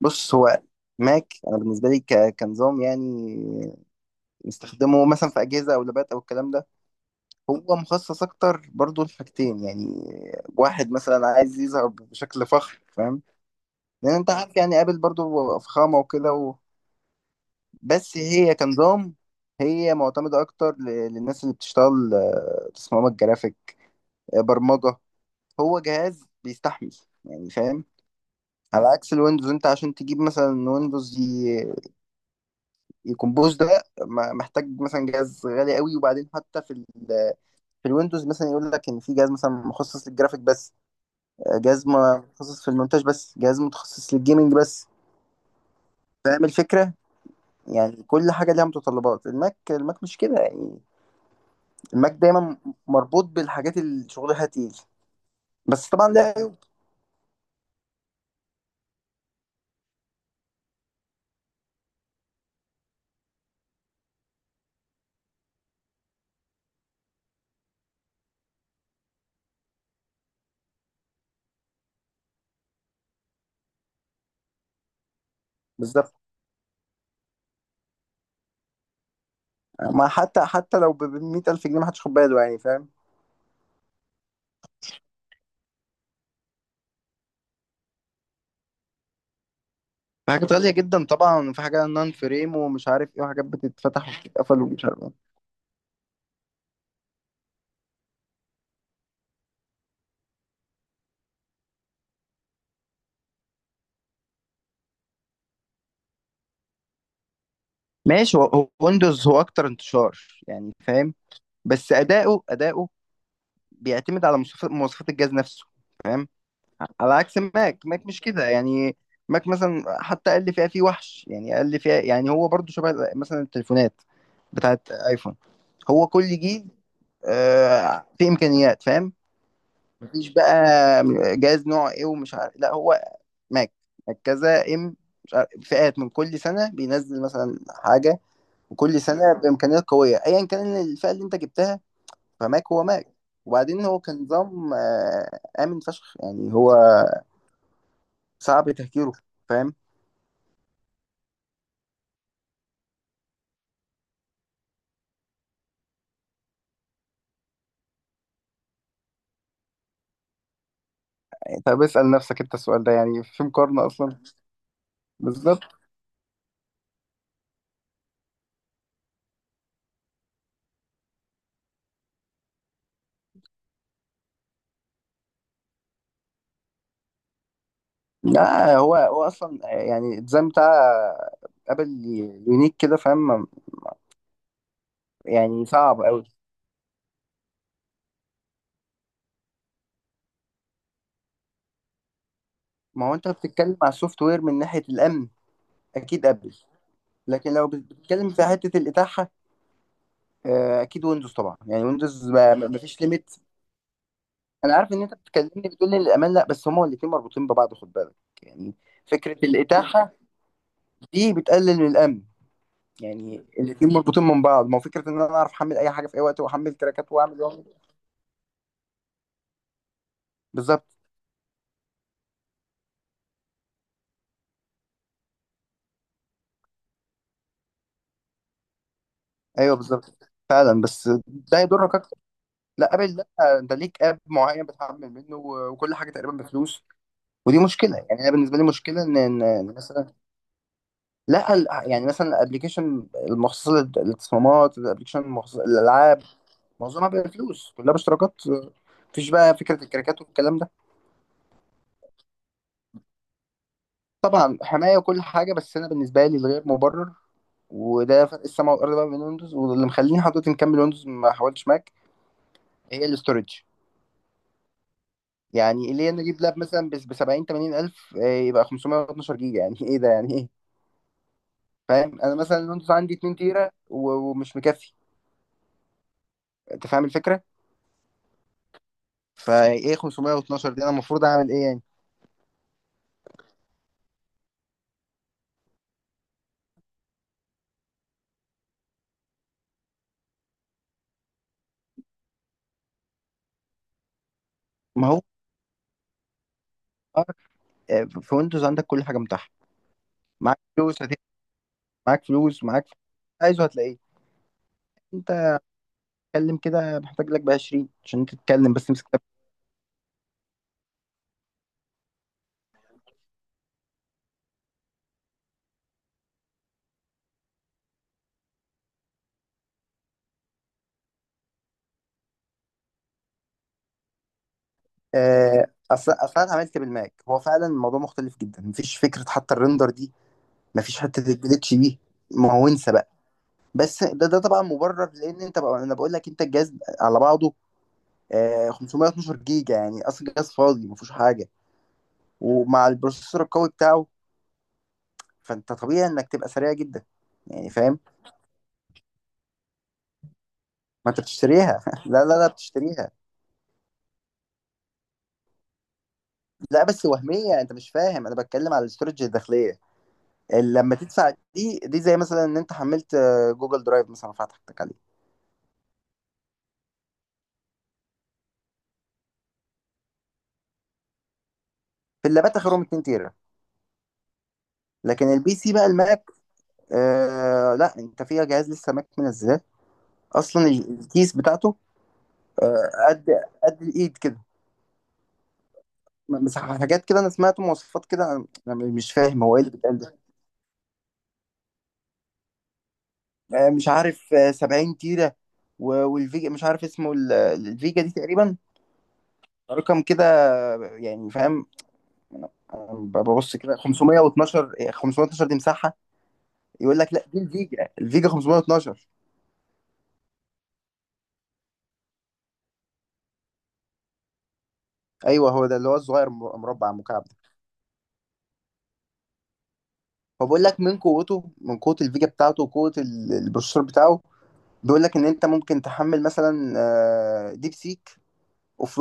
بص. هو ماك، انا بالنسبه لي كنظام يعني نستخدمه مثلا في اجهزه او لابات او الكلام ده. هو مخصص اكتر برضو لحاجتين يعني: واحد مثلا عايز يظهر بشكل فخم، فاهم، لان انت عارف يعني ابل برضو فخامه وكده بس هي كنظام، هي معتمده اكتر للناس اللي بتشتغل تصميمات جرافيك، برمجه. هو جهاز بيستحمل يعني، فاهم. على عكس الويندوز انت عشان تجيب مثلا ويندوز، الكمبوز ده محتاج مثلا جهاز غالي قوي، وبعدين حتى في ال، في الويندوز مثلا يقول لك ان في جهاز مثلا مخصص للجرافيك بس، جهاز متخصص في المونتاج بس، جهاز متخصص للجيمنج بس. فاهم الفكرة؟ يعني كل حاجة ليها متطلبات. الماك الماك مش كده يعني. الماك دايما مربوط بالحاجات اللي شغلها تقيل، بس طبعا لها عيوب. بالظبط، ما حتى لو ب 100,000 جنيه، ما حدش خد باله، يعني فاهم. في حاجات غالية جدا طبعا، في حاجة نان فريم ومش عارف ايه، وحاجات بتتفتح وبتتقفل ومش عارف. ماشي. هو ويندوز هو اكتر انتشار، يعني فاهم، بس اداؤه بيعتمد على مواصفات الجهاز نفسه، فاهم. على عكس ماك مش كده يعني. ماك مثلا حتى اقل فئه فيه وحش، يعني اقل فئه، يعني هو برضو شبه مثلا التليفونات بتاعت ايفون. هو كل جيل فيه امكانيات، فاهم. مفيش بقى جهاز نوع ايه ومش عارف، لا. هو ماك، ماك كذا ام مش عارف، فئات. من كل سنه بينزل مثلا حاجه، وكل سنه بامكانيات قويه ايا كان الفئه اللي انت جبتها. فماك هو ماك. وبعدين هو كان نظام امن فشخ، يعني هو صعب تهكيره، فاهم. طب اسال نفسك انت السؤال ده، يعني في مقارنه اصلا؟ بالظبط. لا، هو اصلا يعني الديزاين بتاع ابل يونيك كده، فاهم، يعني صعب قوي. ما هو انت بتتكلم على السوفت وير من ناحيه الامن، اكيد ابل. لكن لو بتتكلم في حته الاتاحه، اكيد ويندوز طبعا، يعني ويندوز ما فيش ليميت. انا عارف ان انت بتكلمني بتقول لي الامان، لا بس هما الاتنين مربوطين ببعض، خد بالك يعني. فكره الاتاحه دي بتقلل من الامن، يعني الاتنين مربوطين من بعض. ما هو فكره ان انا اعرف احمل اي حاجه في اي وقت، واحمل تراكات، واعمل إيه واعمل إيه. بالظبط. ايوه بالظبط فعلا، بس ده يضرك اكتر. لا ابل لا، انت ليك اب معين بتحمل منه، وكل حاجه تقريبا بفلوس. ودي مشكله يعني، انا بالنسبه لي مشكله، ان إن مثلا، لا يعني مثلا الابلكيشن المخصص للتصميمات، الابلكيشن المخصص للالعاب، معظمها بفلوس، كلها باشتراكات. مفيش بقى فكره الكراكات والكلام ده. طبعا حمايه وكل حاجه، بس انا بالنسبه لي الغير مبرر، وده فرق السماء والارض بقى بين ويندوز، واللي مخليني حضرتك نكمل ويندوز ما حاولتش ماك، هي الاستورج. يعني ليه انا اجيب لاب مثلا ب 70 80 الف يبقى 512 جيجا؟ يعني ايه ده، يعني ايه؟ فاهم؟ انا مثلا الويندوز عندي 2 تيرا ومش مكفي، انت فاهم الفكره. فايه 512 دي؟ انا المفروض اعمل ايه يعني؟ ما هو في ويندوز عندك كل حاجه متاحه. معاك فلوس معاك فلوس، معاك فلوس. عايزه هتلاقيه. انت اتكلم كده، محتاج لك ب 20 عشان تتكلم، بس امسك لاب. اصل انا عملت بالماك، هو فعلا الموضوع مختلف جدا. مفيش فكره حتى الريندر دي، مفيش حته الجليتش دي. ما هو انسى بقى. بس ده ده طبعا مبرر، لان انت بقى، انا بقول لك، انت الجهاز على بعضه 512 جيجا، يعني اصل الجهاز فاضي مفيهوش حاجه، ومع البروسيسور القوي بتاعه، فانت طبيعي انك تبقى سريع جدا، يعني فاهم. ما انت بتشتريها لا لا لا، بتشتريها. لا بس وهميه، انت مش فاهم، انا بتكلم على الاستورج الداخليه. لما تدفع، دي دي زي مثلا ان انت حملت جوجل درايف مثلا فتحتك عليه. في اللابات اخرهم 2 تيرا. لكن البي سي بقى، الماك، آه لا، انت فيها جهاز لسه ماك منزلاه اصلا، الكيس بتاعته آه قد قد الايد كده. مساحه حاجات كده، انا سمعت مواصفات كده، انا مش فاهم هو ايه اللي بيتقال ده. مش عارف، 70 تيرة، والفيجا مش عارف اسمه، الفيجا دي تقريبا رقم كده، يعني فاهم. ببص كده 512، 512 دي مساحة؟ يقول لك لا، دي الفيجا، الفيجا 512. ايوه، هو ده اللي هو الصغير مربع مكعب ده. فبقول لك من قوته، من قوة الفيجا بتاعته وقوة البروسيسور بتاعه، بيقول لك ان انت ممكن تحمل مثلا ديب سيك، اوف.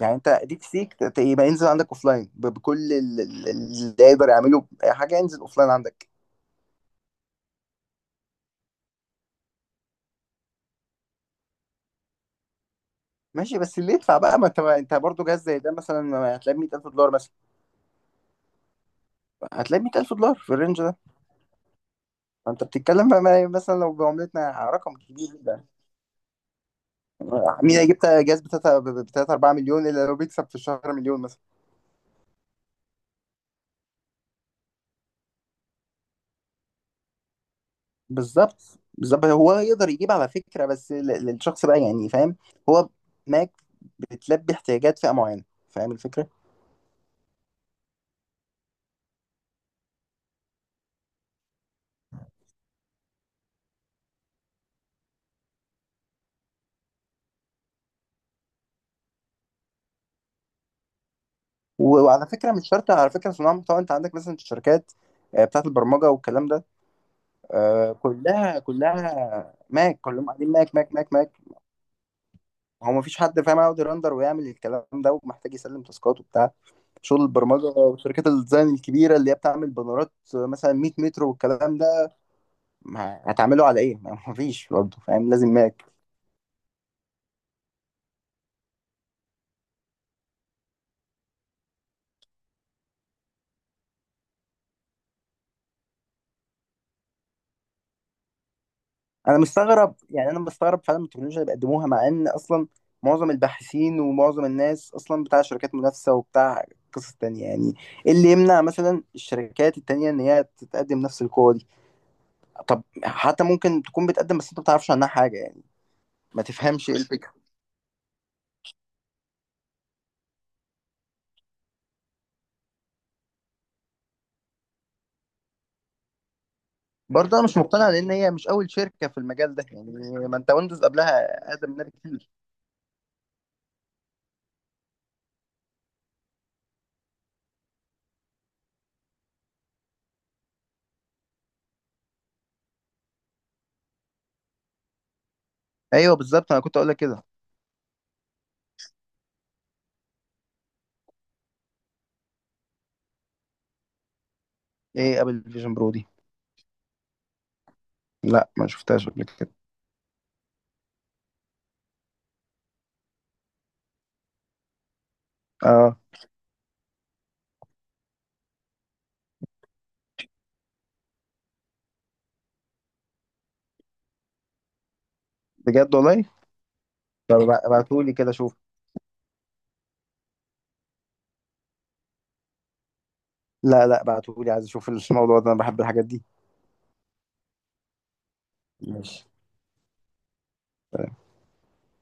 يعني انت ديب سيك يبقى ينزل عندك اوفلاين، بكل ال، ال، اللي يقدر يعمله اي حاجه ينزل اوفلاين عندك. ماشي، بس اللي يدفع بقى. ما انت برضه جهاز زي ده مثلا، ما هتلاقي 100,000 دولار مثلا؟ هتلاقي 100,000 دولار في الرينج ده. فانت بتتكلم بقى مثلا لو بعملتنا رقم كبير جدا، مين هيجيب جهاز ب 3 4 مليون، الا لو بيكسب في الشهر مليون مثلا؟ بالظبط، بالظبط. هو يقدر يجيب على فكره، بس للشخص بقى، يعني فاهم. هو ماك بتلبي احتياجات فئه معينه، فاهم الفكره. وعلى فكره مش شرط على فكره صناع محتوى، انت عندك مثلا الشركات بتاعت البرمجه والكلام ده، كلها ماك، كلهم قاعدين ماك ماك ماك ماك. هو ما فيش حد فاهم يقعد يرندر ويعمل الكلام ده، ومحتاج يسلم تاسكات وبتاع، شغل البرمجه وشركات الديزاين الكبيره اللي هي بتعمل بانرات مثلا 100 متر والكلام ده، ما هتعمله على ايه؟ ما فيش برضه فاهم، لازم ماك. انا مستغرب، يعني انا مستغرب فعلا من التكنولوجيا اللي بيقدموها، مع ان اصلا معظم الباحثين ومعظم الناس اصلا بتاع شركات منافسه وبتاع قصص تانية يعني. ايه اللي يمنع مثلا الشركات التانية ان هي تتقدم نفس القوة دي؟ طب حتى ممكن تكون بتقدم، بس انت ما بتعرفش عنها حاجة، يعني ما تفهمش ايه الفكرة. برضه انا مش مقتنع، لان هي مش اول شركة في المجال ده يعني، ما انت ويندوز قبلها اقدم منها بكتير. ايوه بالظبط، انا كنت اقول لك كده. ايه ابل فيجن برو دي؟ لا، ما شفتهاش قبل كده. اه، بجد والله؟ طب ابعتهولي كده شوف. لا لا، بعتهولي، عايز اشوف الموضوع ده، انا بحب الحاجات دي. ماشي.